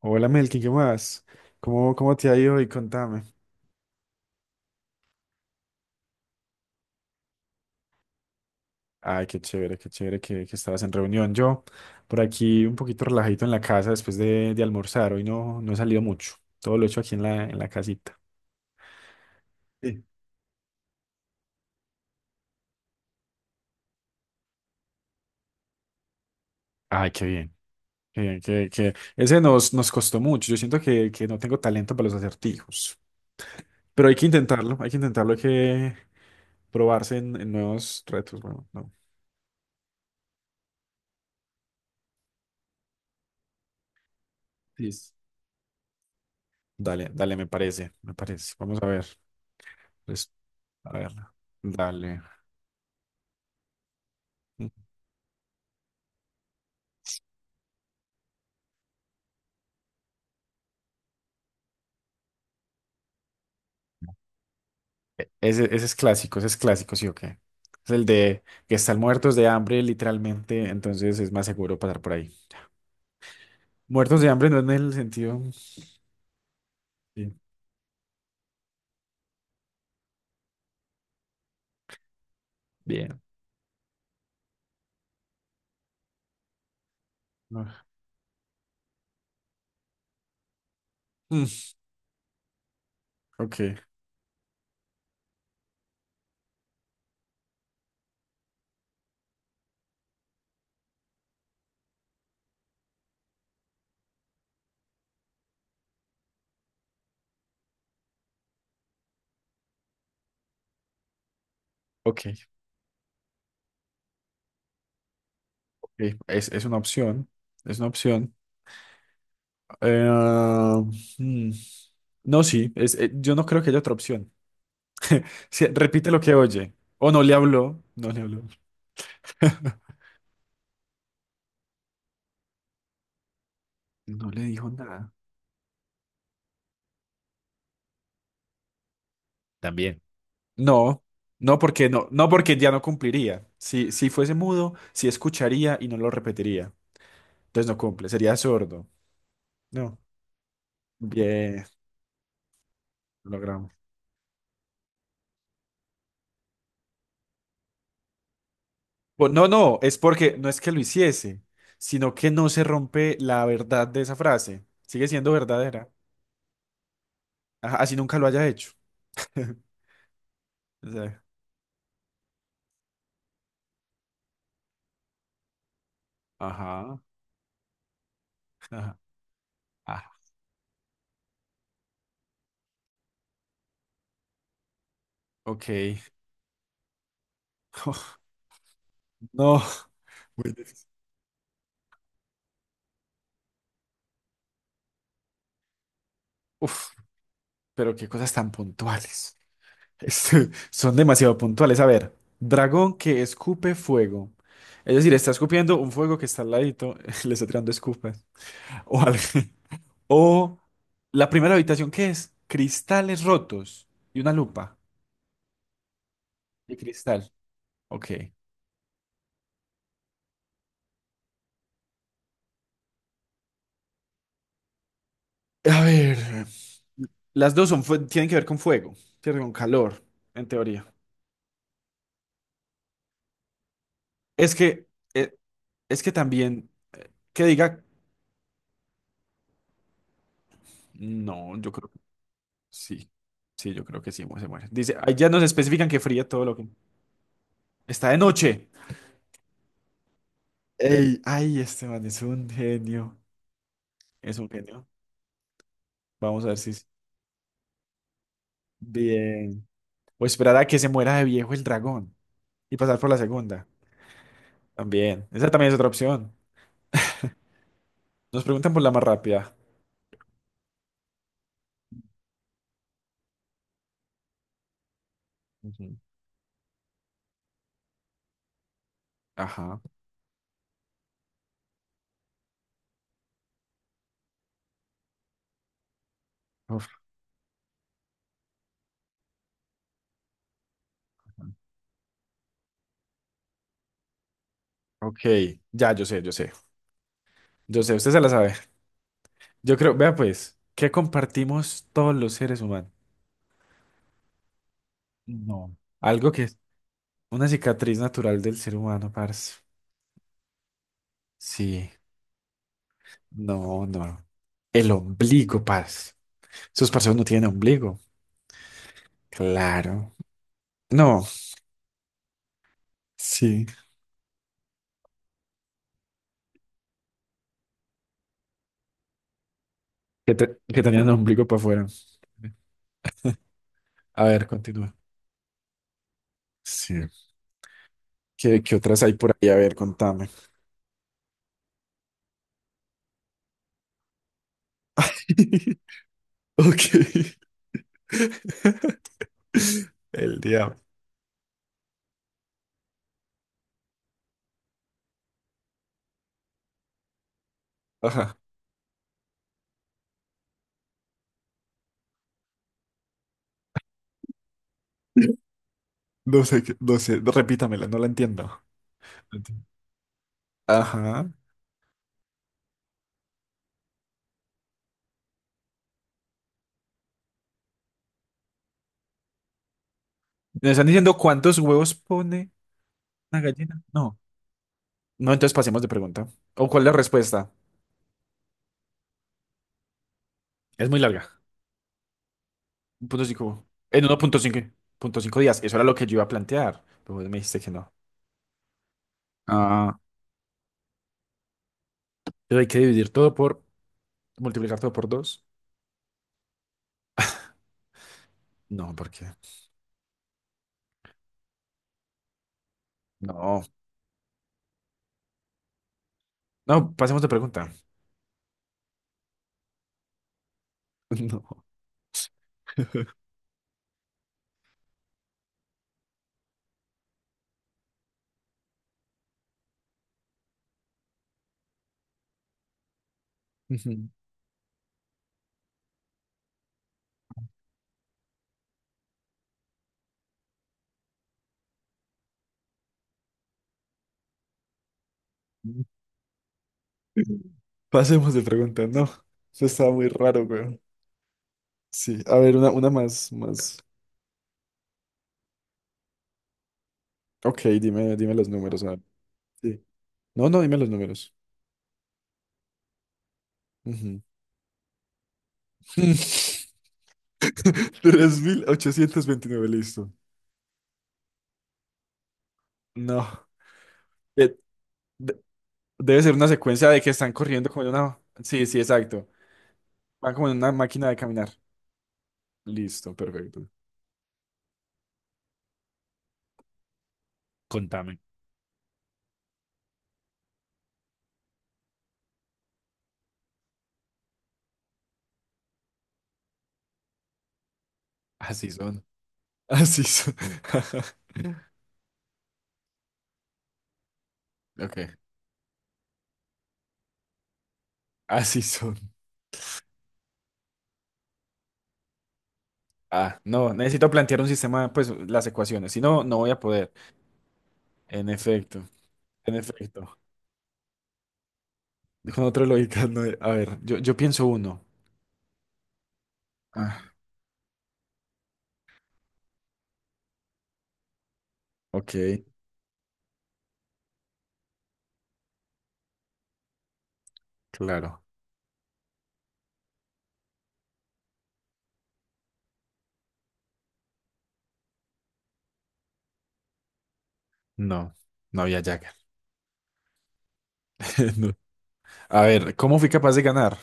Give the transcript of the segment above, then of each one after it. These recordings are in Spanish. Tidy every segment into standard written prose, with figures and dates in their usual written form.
Hola Melkin, ¿qué más? ¿Cómo te ha ido hoy? Contame. Ay, qué chévere que estabas en reunión. Yo por aquí un poquito relajadito en la casa después de almorzar. Hoy no, no he salido mucho. Todo lo he hecho aquí en la casita. Sí. Ay, qué bien. Qué bien, que ese nos costó mucho. Yo siento que no tengo talento para los acertijos. Pero hay que intentarlo, hay que intentarlo, hay que probarse en nuevos retos. Bueno, no. Listo. Dale, dale, me parece, me parece. Vamos a ver. Pues, a ver. Dale. Ese es clásico, ese es clásico, sí o qué. Es el de que están muertos de hambre, literalmente, entonces es más seguro pasar por ahí. Muertos de hambre no en el sentido. Sí, bien. No. Mm, ok, ok, ok. Es una opción. Es una opción. Eh, mm, No, sí, yo no creo que haya otra opción. Sí, repite lo que oye. O no le habló. No le habló. No le dijo nada. También. No, no porque no, no porque ya no cumpliría. Si fuese mudo, sí escucharía y no lo repetiría. Entonces no cumple, sería sordo. No. Bien, lo logramos. No, no, es porque no es que lo hiciese, sino que no se rompe la verdad de esa frase. Sigue siendo verdadera. Ajá, así nunca lo haya hecho. O sea, ajá, ajá, ajá. Ok. No. Muy difícil. Uf, pero qué cosas tan puntuales. Son demasiado puntuales. A ver, dragón que escupe fuego. Es decir, está escupiendo un fuego que está al ladito, le está tirando escupas. O, al- o la primera habitación, ¿qué es? Cristales rotos y una lupa de cristal. Ok. A ver, las dos tienen que ver con fuego, tienen con calor, en teoría. Es que, eh, es que también, que diga, no, yo creo que sí. Sí, yo creo que sí, se muere. Dice, ahí ya nos especifican que fría todo lo que está de noche. Ey, ay, este man es un genio. Es un genio. Vamos a ver si es bien. O esperar a que se muera de viejo el dragón y pasar por la segunda. También. Esa también es otra opción. Nos preguntan por la más rápida. Ujú. Ajá. Uf, ok. Ya, yo sé, yo sé. Yo sé, usted se la sabe. Yo creo, vea pues, ¿qué compartimos todos los seres humanos? No. Algo que es una cicatriz natural del ser humano, parce. Sí. No, no. El ombligo, parce. Esos parceros no tienen ombligo. Claro. No, sí. Que tenían ombligo para afuera. A ver, continúa. Sí. ¿Qué otras hay por ahí? A ver, contame. Ok. El diablo. Ajá. No sé, no sé. Repítamela, no la entiendo. No entiendo. Ajá. ¿Me están diciendo cuántos huevos pone una gallina? No. No, entonces pasemos de pregunta. ¿O cuál es la respuesta? Es muy larga. Punto cinco en 1.5, punto cinco días. Eso era lo que yo iba a plantear. Pero vos me dijiste que no. Ah, pero hay que dividir todo por... Multiplicar todo por dos. No, ¿por qué? No. No, pasemos de pregunta. No. Ujú. Pasemos de pregunta, no. Eso estaba muy raro, güey. Sí, a ver, una más, más. Ok, dime, dime los números, a ver. Sí. No, no, dime los números. Ujú. 3829. Listo. No. Eh, de- Debe ser una secuencia de que están corriendo como en una... Sí, sí, exacto. Van como en una máquina de caminar. Listo, perfecto. Contame. Así son. Así son. Ok. Así son. Ah, no, necesito plantear un sistema, pues las ecuaciones. Si no, no voy a poder. En efecto, en efecto. Con otra lógica, no. A ver, yo pienso uno. Ah, ok, claro. No, no había Jagger. No. A ver, ¿cómo fui capaz de ganar?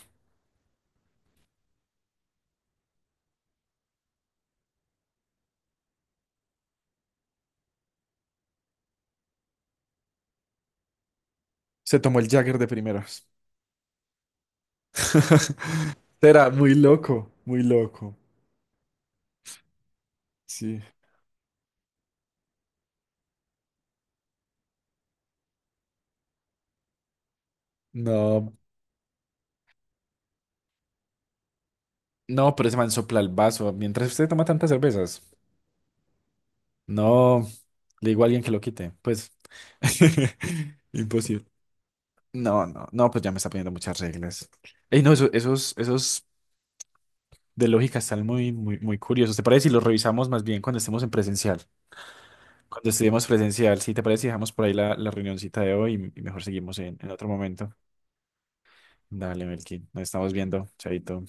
Se tomó el Jagger de primeras. Será muy loco, muy loco. Sí. No, no, pero ese man sopla el vaso. Mientras usted toma tantas cervezas. No, le digo a alguien que lo quite. Pues. Imposible. No, no, no, pues ya me está poniendo muchas reglas. Ey, no, esos de lógica están muy, muy, muy curiosos. ¿Te parece si los revisamos más bien cuando estemos en presencial? Cuando estudiemos presencial, ¿sí te parece? Si dejamos por ahí la reunioncita de hoy y mejor seguimos en otro momento. Dale, Melkin, nos estamos viendo. Chaito.